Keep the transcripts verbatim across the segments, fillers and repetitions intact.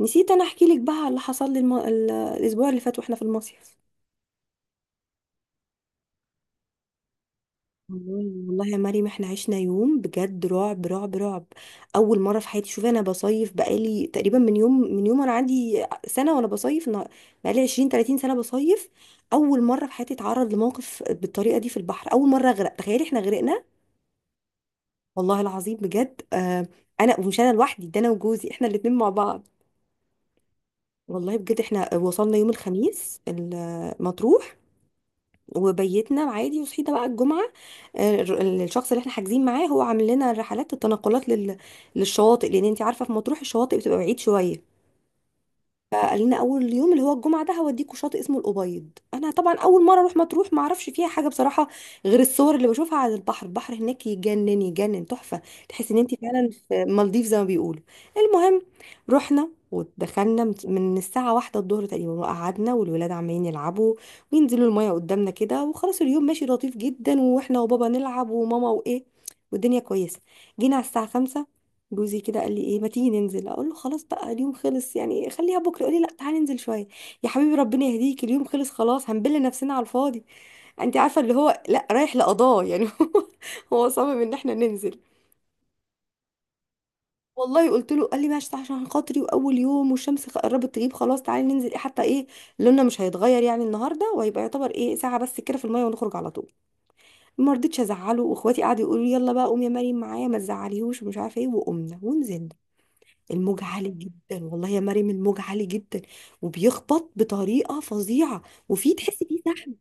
نسيت انا احكي لك بقى على اللي حصل لي الم... ال- الاسبوع اللي فات واحنا في المصيف. والله، والله يا مريم، احنا عشنا يوم بجد رعب رعب رعب. اول مره في حياتي، شوفي، انا بصيف بقالي تقريبا من يوم من يوم انا عندي سنه وانا بصيف. انا بقالي عشرين تلاتين سنه بصيف. اول مره في حياتي اتعرض لموقف بالطريقه دي في البحر، اول مره اغرق. تخيلي احنا غرقنا والله العظيم بجد. آه، انا ومش انا لوحدي ده، انا وجوزي احنا الاتنين مع بعض. والله بجد، احنا وصلنا يوم الخميس ال- مطروح، وبيتنا عادي. وصحينا بقى الجمعة. آه، ال- الشخص اللي احنا حاجزين معاه هو عامل لنا رحلات التنقلات لل... للشواطئ، لأن انت عارفة في مطروح الشواطئ بتبقى بعيد شوية. فقال لنا اول يوم اللي هو الجمعه ده هوديكوا شاطئ اسمه الابيض. انا طبعا اول مره اروح مطروح، ما اعرفش فيها حاجه بصراحه غير الصور اللي بشوفها. على البحر، البحر هناك يجنن يجنن، تحفه. تحس ان انت فعلا في مالديف زي ما بيقولوا. المهم، رحنا ودخلنا من من الساعة واحدة الظهر تقريبا، وقعدنا، والولاد عمالين يلعبوا وينزلوا المية قدامنا كده. وخلاص، اليوم ماشي لطيف جدا، واحنا وبابا نلعب، وماما، وايه، والدنيا كويسة. جينا على الساعة خمسة، جوزي كده قال لي ايه ما تيجي ننزل. اقول له خلاص بقى اليوم خلص يعني، خليها بكره. يقول لي لا تعالي ننزل شويه. يا حبيبي ربنا يهديك، اليوم خلص خلاص، هنبل نفسنا على الفاضي. انت عارفه اللي هو لا رايح لقضاه يعني. هو هو صمم ان احنا ننزل. والله قلت له، قال لي ماشي عشان خاطري واول يوم. والشمس خ- قربت تغيب خلاص، تعالي ننزل إيه حتى ايه، لوننا مش هيتغير يعني النهارده، وهيبقى يعتبر ايه ساعه بس كده في الميه ونخرج على طول. ما رضيتش ازعله، واخواتي قعدوا يقولوا لي يلا بقى قومي يا مريم معايا، ما تزعليهوش، ومش عارفه ايه. وقمنا ونزلنا. الموج عالي جدا والله يا مريم، الموج عالي جدا، وبيخبط بطريقه فظيعه، وفي تحس فيه سحب.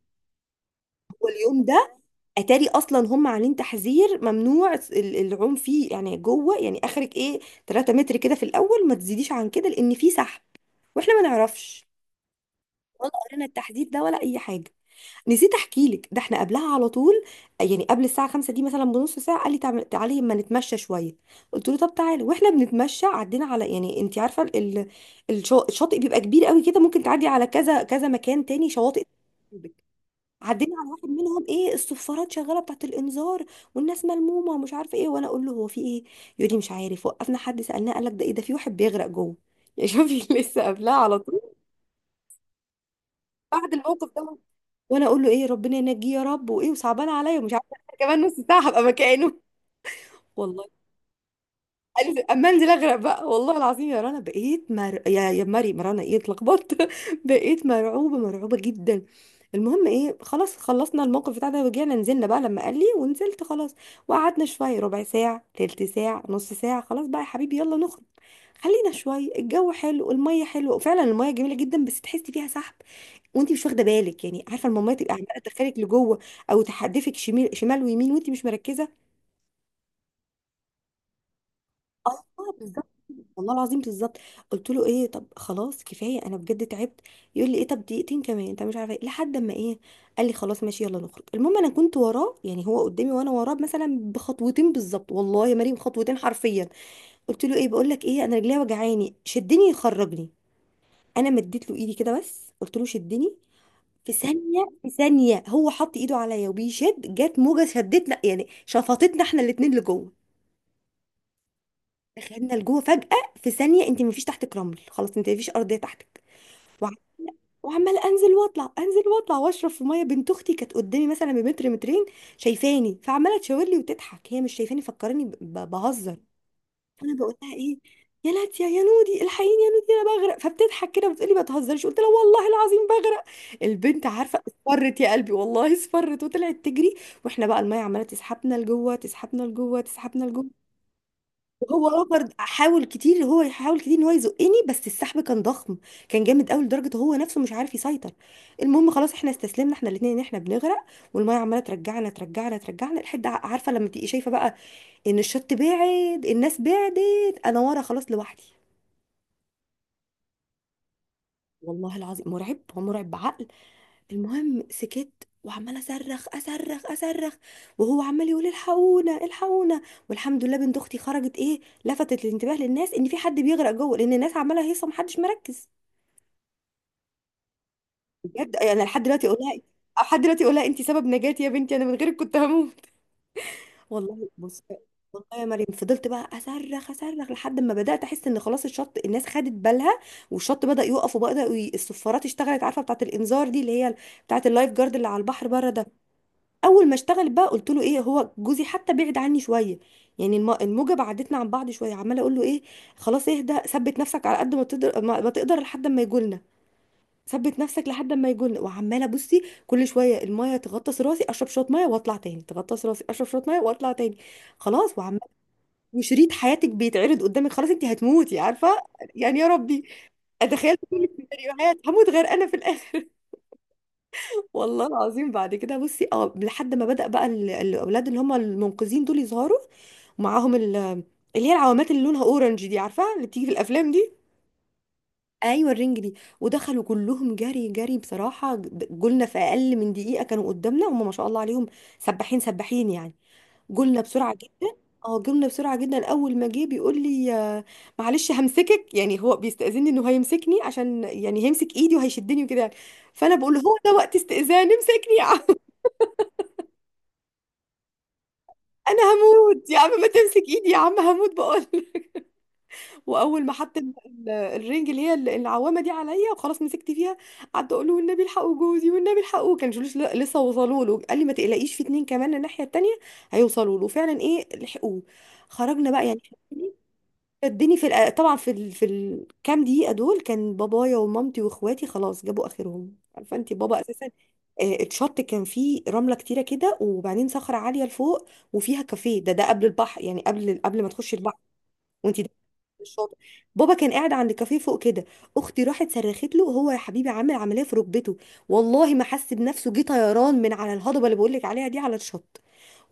واليوم ده، اتاري اصلا هم عاملين تحذير ممنوع ال- العوم فيه يعني، جوه يعني اخرك ايه 3 متر كده في الاول، ما تزيديش عن كده لان في سحب. واحنا ما نعرفش، ولا قرينا التحذير ده ولا اي حاجه. نسيت احكي لك، ده احنا قبلها على طول، يعني قبل الساعه خمسة دي مثلا بنص ساعه، قال لي تعم- تعالي ما نتمشى شويه. قلت له طب تعالى. واحنا بنتمشى عدينا على، يعني انت عارفه، ال- الشا- الشاطئ بيبقى كبير قوي كده، ممكن تعدي على كذا كذا مكان تاني شواطئ. عدينا على واحد منهم، ايه الصفارات شغاله بتاعت الانذار، والناس ملمومه ومش عارفه ايه. وانا اقول له هو في ايه، يقول لي مش عارف. وقفنا، حد سالناه قال لك ده ايه، ده في واحد بيغرق جوه. يا شوفي لسه قبلها على طول بعد الموقف ده. وانا اقول له ايه، ربنا ينجيه يا رب، وايه، وصعبان عليا، ومش عارفه. أنا كمان نص ساعه هبقى مكانه والله. قال لي اما انزل اغرق بقى، والله العظيم يا رنا بقيت مر... يا يا مري مرانا ايه، اتلخبطت بقيت مرعوبه مرعوبه جدا. المهم ايه، خلاص خلصنا الموقف بتاع ده ورجعنا، نزلنا بقى لما قال لي، ونزلت خلاص. وقعدنا شويه، ربع ساعه تلت ساعه نص ساعه. خلاص بقى يا حبيبي يلا نخرج. خلينا شويه، الجو حلو، الميه حلوه، وفعلا الميه جميله جدا، بس تحسي فيها سحب وانت مش واخده بالك يعني. عارفه، المامات تبقى عماله تدخلك لجوه او تحدفك شمال شمال ويمين وانت مش مركزه. اه بالظبط، والله العظيم بالظبط. قلت له ايه، طب خلاص كفايه انا بجد تعبت. يقول لي ايه طب دقيقتين كمان، انت مش عارفه ايه، لحد اما ايه قال لي خلاص ماشي يلا نخرج. المهم انا كنت وراه، يعني هو قدامي وانا وراه مثلا بخطوتين بالظبط. والله يا مريم خطوتين حرفيا. قلت له ايه، بقول لك ايه انا رجليا وجعاني شدني يخرجني. انا مديت له ايدي كده بس، قلت له شدني. في ثانية في ثانية هو حط ايده عليا وبيشد، جت موجة شدتنا يعني شفطتنا احنا الاتنين لجوه. دخلنا لجوه فجأة. في ثانية انت مفيش تحتك رمل، خلاص انت مفيش أرضية تحتك. وع- وعمال انزل واطلع انزل واطلع واشرب في ميه. بنت اختي كانت قدامي مثلا بمتر مترين، شايفاني فعماله تشاور لي وتضحك. هي مش شايفاني، فكراني ب- ب- بهزر. فانا بقول لها ايه، يا لاتيا يا نودي، الحقيني يا نودي انا بغرق. فبتضحك كده وبتقولي ما تهزريش. قلت لها والله العظيم بغرق. البنت عارفه اصفرت يا قلبي، والله اصفرت وطلعت تجري. واحنا بقى الميه عماله تسحبنا لجوه تسحبنا لجوه تسحبنا لجوه. وهو رافض، حاول كتير، هو يحاول كتير ان هو يزقني بس السحب كان ضخم، كان جامد قوي لدرجه هو نفسه مش عارف يسيطر. المهم خلاص، احنا استسلمنا احنا الاثنين ان احنا بنغرق. والميه عماله ترجعنا ترجعنا ترجعنا، لحد، عارفه لما تبقي شايفه بقى ان الشط بعد، الناس بعدت، انا ورا خلاص لوحدي. والله العظيم مرعب، هو مرعب بعقل. المهم سكت، وعمال اصرخ اصرخ اصرخ، وهو عمال يقول الحقونا الحقونا. والحمد لله بنت اختي خرجت ايه، لفتت الانتباه للناس ان في حد بيغرق جوه، لان الناس عماله هيصه محدش مركز. بجد انا لحد دلوقتي اقول لها، لحد دلوقتي اقول لها انت سبب نجاتي يا بنتي، انا من غيرك كنت هموت. والله بص، والله يا مريم فضلت بقى اصرخ اصرخ لحد ما بدات احس ان خلاص الشط الناس خدت بالها، والشط بدا يقف، وبدا ي- الصفارات اشتغلت، عارفه بتاعه الانذار دي اللي هي بتاعه اللايف جارد اللي على البحر بره ده. اول ما اشتغلت بقى، قلت له ايه، هو جوزي حتى بعد عني شويه، يعني الم- الموجه بعدتنا عن بعض شويه. عماله اقول له ايه، خلاص اهدى، ثبت نفسك على قد ما تقدر ما ما تقدر لحد ما يجولنا. ثبت نفسك لحد ما يجن. وعماله بصي، كل شويه المايه تغطس راسي اشرب شويه مايه واطلع تاني، تغطس راسي اشرب شويه مايه واطلع تاني. خلاص، وعمال. وشريط حياتك بيتعرض قدامك، خلاص انت هتموتي عارفه يعني، يا ربي. اتخيل كل السيناريوهات، هموت غير انا في الاخر. والله العظيم، بعد كده بصي اه لحد ما بدأ بقى ال- الاولاد اللي هم المنقذين دول يظهروا، ومعاهم ال- اللي هي العوامات اللي لونها اورنج دي، عارفه اللي بتيجي في الافلام دي. ايوه الرنج دي. ودخلوا كلهم جري جري بصراحه، جولنا في اقل من دقيقه، كانوا قدامنا هم ما شاء الله عليهم، سباحين سباحين يعني. جولنا بسرعه جدا، اه جولنا بسرعه جدا. اول ما جه بيقول لي آه، معلش همسكك، يعني هو بيستاذني انه هيمسكني عشان، يعني هيمسك ايدي وهيشدني وكده يعني. فانا بقول له، هو ده وقت استئذان؟ امسكني يا عم. انا هموت يا عم، ما تمسك ايدي يا عم هموت بقول. واول ما حط ال- ال- الرنج اللي هي ال- العوامه دي عليا وخلاص مسكت فيها، قعدت اقول له والنبي الحقوا جوزي، والنبي الحقوا. كان جلوس ل- لسه وصلوا له. قال لي ما تقلقيش، في اتنين كمان الناحيه التانيه هيوصلوا له، فعلا ايه لحقوه. خرجنا بقى يعني. شدني في الأ- طبعا في ال... في الكام دقيقه دول كان بابايا ومامتي واخواتي خلاص جابوا اخرهم، عارفه انت بابا اساسا. آه، اتشط، كان فيه رمله كتيره كده، وبعدين صخره عاليه لفوق وفيها كافيه، ده ده قبل البحر، يعني قبل قبل ما تخش البحر وانت، الشاطئ. بابا كان قاعد عند كافيه فوق كده. اختي راحت صرخت له، هو يا حبيبي عامل عمليه في ركبته، والله ما حس بنفسه، جه طيران من على الهضبه اللي بقول لك عليها دي على الشط.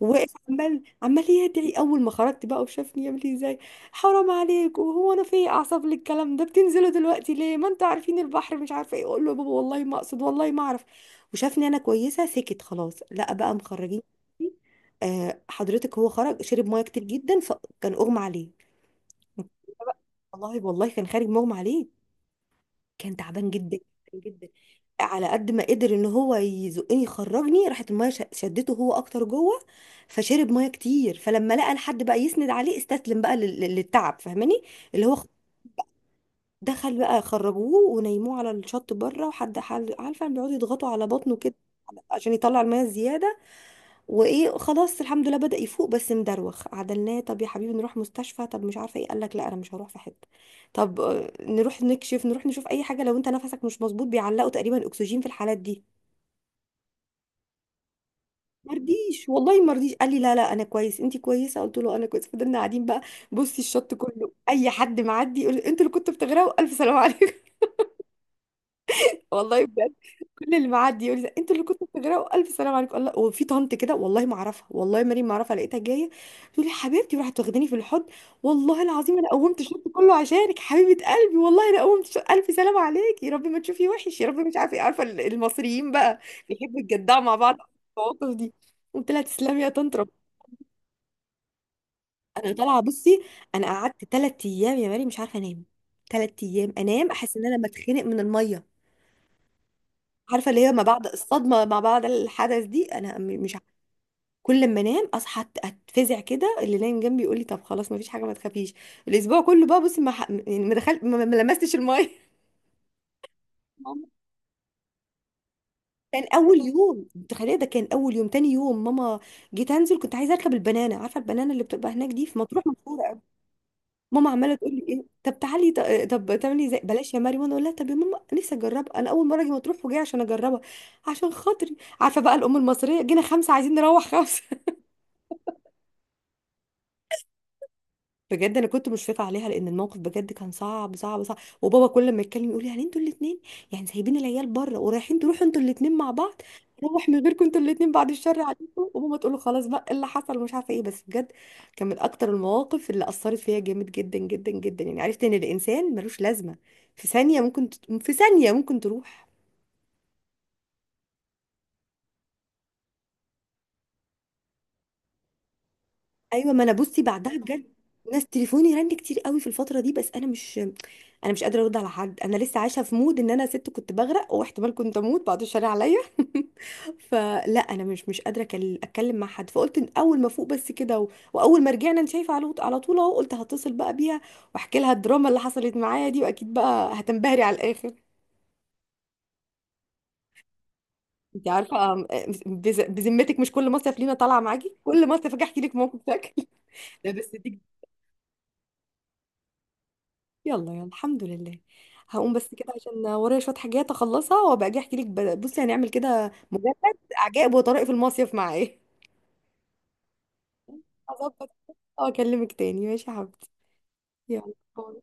وواقف عمال عمال يدعي. اول ما خرجت بقى وشافني، يعمل لي ازاي، حرام عليك، وهو انا في ايه اعصاب للكلام ده، بتنزلوا دلوقتي ليه ما انتوا عارفين البحر، مش عارفه ايه. اقول له يا بابا والله ما اقصد، والله ما اعرف. وشافني انا كويسه، سكت خلاص، لا بقى مخرجين. آه، حضرتك هو خرج شرب ميه كتير جدا، فكان اغمى عليه. والله والله كان خارج مغمى عليه، كان تعبان جدا جدا. على قد ما قدر ان هو يزقني يخرجني، راحت الميه ش- شدته هو اكتر جوه، فشرب ميه كتير. فلما لقى الحد بقى يسند عليه، استسلم بقى لل- لل- للتعب فاهماني، اللي هو دخل بقى. خرجوه ونيموه على الشط بره، وحد حال- عارفه بيقعدوا يضغطوا على بطنه كده عشان يطلع الميه الزياده. وايه خلاص الحمد لله بدأ يفوق، بس مدروخ. عدلناه، طب يا حبيبي نروح مستشفى، طب مش عارفه ايه، قال لك لا انا مش هروح في حته. طب آه، نروح نكشف، نروح نشوف اي حاجه، لو انت نفسك مش مظبوط بيعلقوا تقريبا اكسجين في الحالات دي. مرضيش والله مرضيش، قال لي لا لا انا كويس، انت كويسه قلت له انا كويس. فضلنا قاعدين بقى، بصي الشط كله اي حد معدي يقول انتوا اللي كنتوا بتغرقوا، الف سلام عليكم. والله، كل اللي معدي يقول لي انتوا اللي كنتوا بتجرأوا الف سلام عليكم الله، وفي طنط كده والله ما اعرفها، والله مريم ما اعرفها، لقيتها جايه تقول لي حبيبتي، وراحت واخداني في الحضن. والله العظيم انا قومت الشوط كله عشانك حبيبه قلبي، والله انا قومت الشوط، الف سلام عليكي يا رب ما تشوفي وحش يا رب، مش عارفه ايه. عارفه ال- المصريين بقى بيحبوا يتجدعوا مع بعض في المواقف دي. قلت لها تسلمي يا طنط رب. انا طالعه، بصي انا قعدت ثلاث ايام يا مريم مش عارفه انام، ثلاث ايام انام احس ان انا بتخنق من الميه، عارفه اللي هي ما بعد الصدمه ما بعد الحدث دي. انا م- مش، كل ما انام اصحى أت- اتفزع كده، اللي نايم جنبي يقول لي طب خلاص ما فيش حاجه ما تخافيش. الاسبوع كله بقى بصي ما ح- يعني ما دخلت، ما ما لمستش الميه. كان اول يوم، تخيل، ده كان اول يوم. تاني يوم ماما جيت انزل، كنت عايزه اركب البنانه، عارفه البنانه اللي بتبقى هناك دي في مطروح مشهوره قوي. ماما عماله تقول لي ايه طب تعالي ط- طب تعملي زي بلاش يا مريم. وانا اقول لها طب يا ماما نفسي اجربها، انا اول مره اجي مطروح وجايه عشان اجربها عشان خاطري. عارفه بقى الام المصريه، جينا خمسه عايزين نروح خمسه. بجد انا كنت مشفقه عليها، لان الموقف بجد كان صعب صعب صعب. وبابا كل ما يتكلم يقول لي يعني انتوا الاثنين، يعني سايبين العيال بره ورايحين تروحوا انتوا الاثنين مع بعض، روح من غيركم انتوا الاثنين، بعد الشر عليكم. وماما تقول له خلاص بقى إيه اللي حصل، ومش عارفه ايه. بس بجد كان من اكتر المواقف اللي اثرت فيا جامد جدا جدا جدا، يعني عرفت ان الانسان ملوش لازمه، في ثانيه ممكن ت... في ثانيه ممكن تروح. ايوه، ما انا بصي بعدها بجد، ناس تليفوني رن كتير قوي في الفتره دي، بس انا مش انا مش قادره ارد على حد، انا لسه عايشه في مود ان انا ست كنت بغرق واحتمال كنت اموت، بعد الشر عليا. فلا انا مش مش قادره أكل- اتكلم مع حد، فقلت إن اول ما فوق بس كده و... واول ما رجعنا انت شايفه على على طول اهو، قلت هتصل بقى بيها واحكي لها الدراما اللي حصلت معايا دي، واكيد بقى هتنبهري على الاخر. انت عارفه أم- بز- بذمتك مش كل مصيف لينا طالعه معاكي، كل مصيف اجي احكي لك موقف شكل. لا بس دي، يلا يلا الحمد لله، هقوم بس كده عشان ورايا شوية حاجات اخلصها وابقى اجي احكي لك، ب- بصي هنعمل كده، مجرد عجائب وطرائف المصيف معايا. هظبط. اه اكلمك تاني ماشي يا حبيبتي. يلا باي.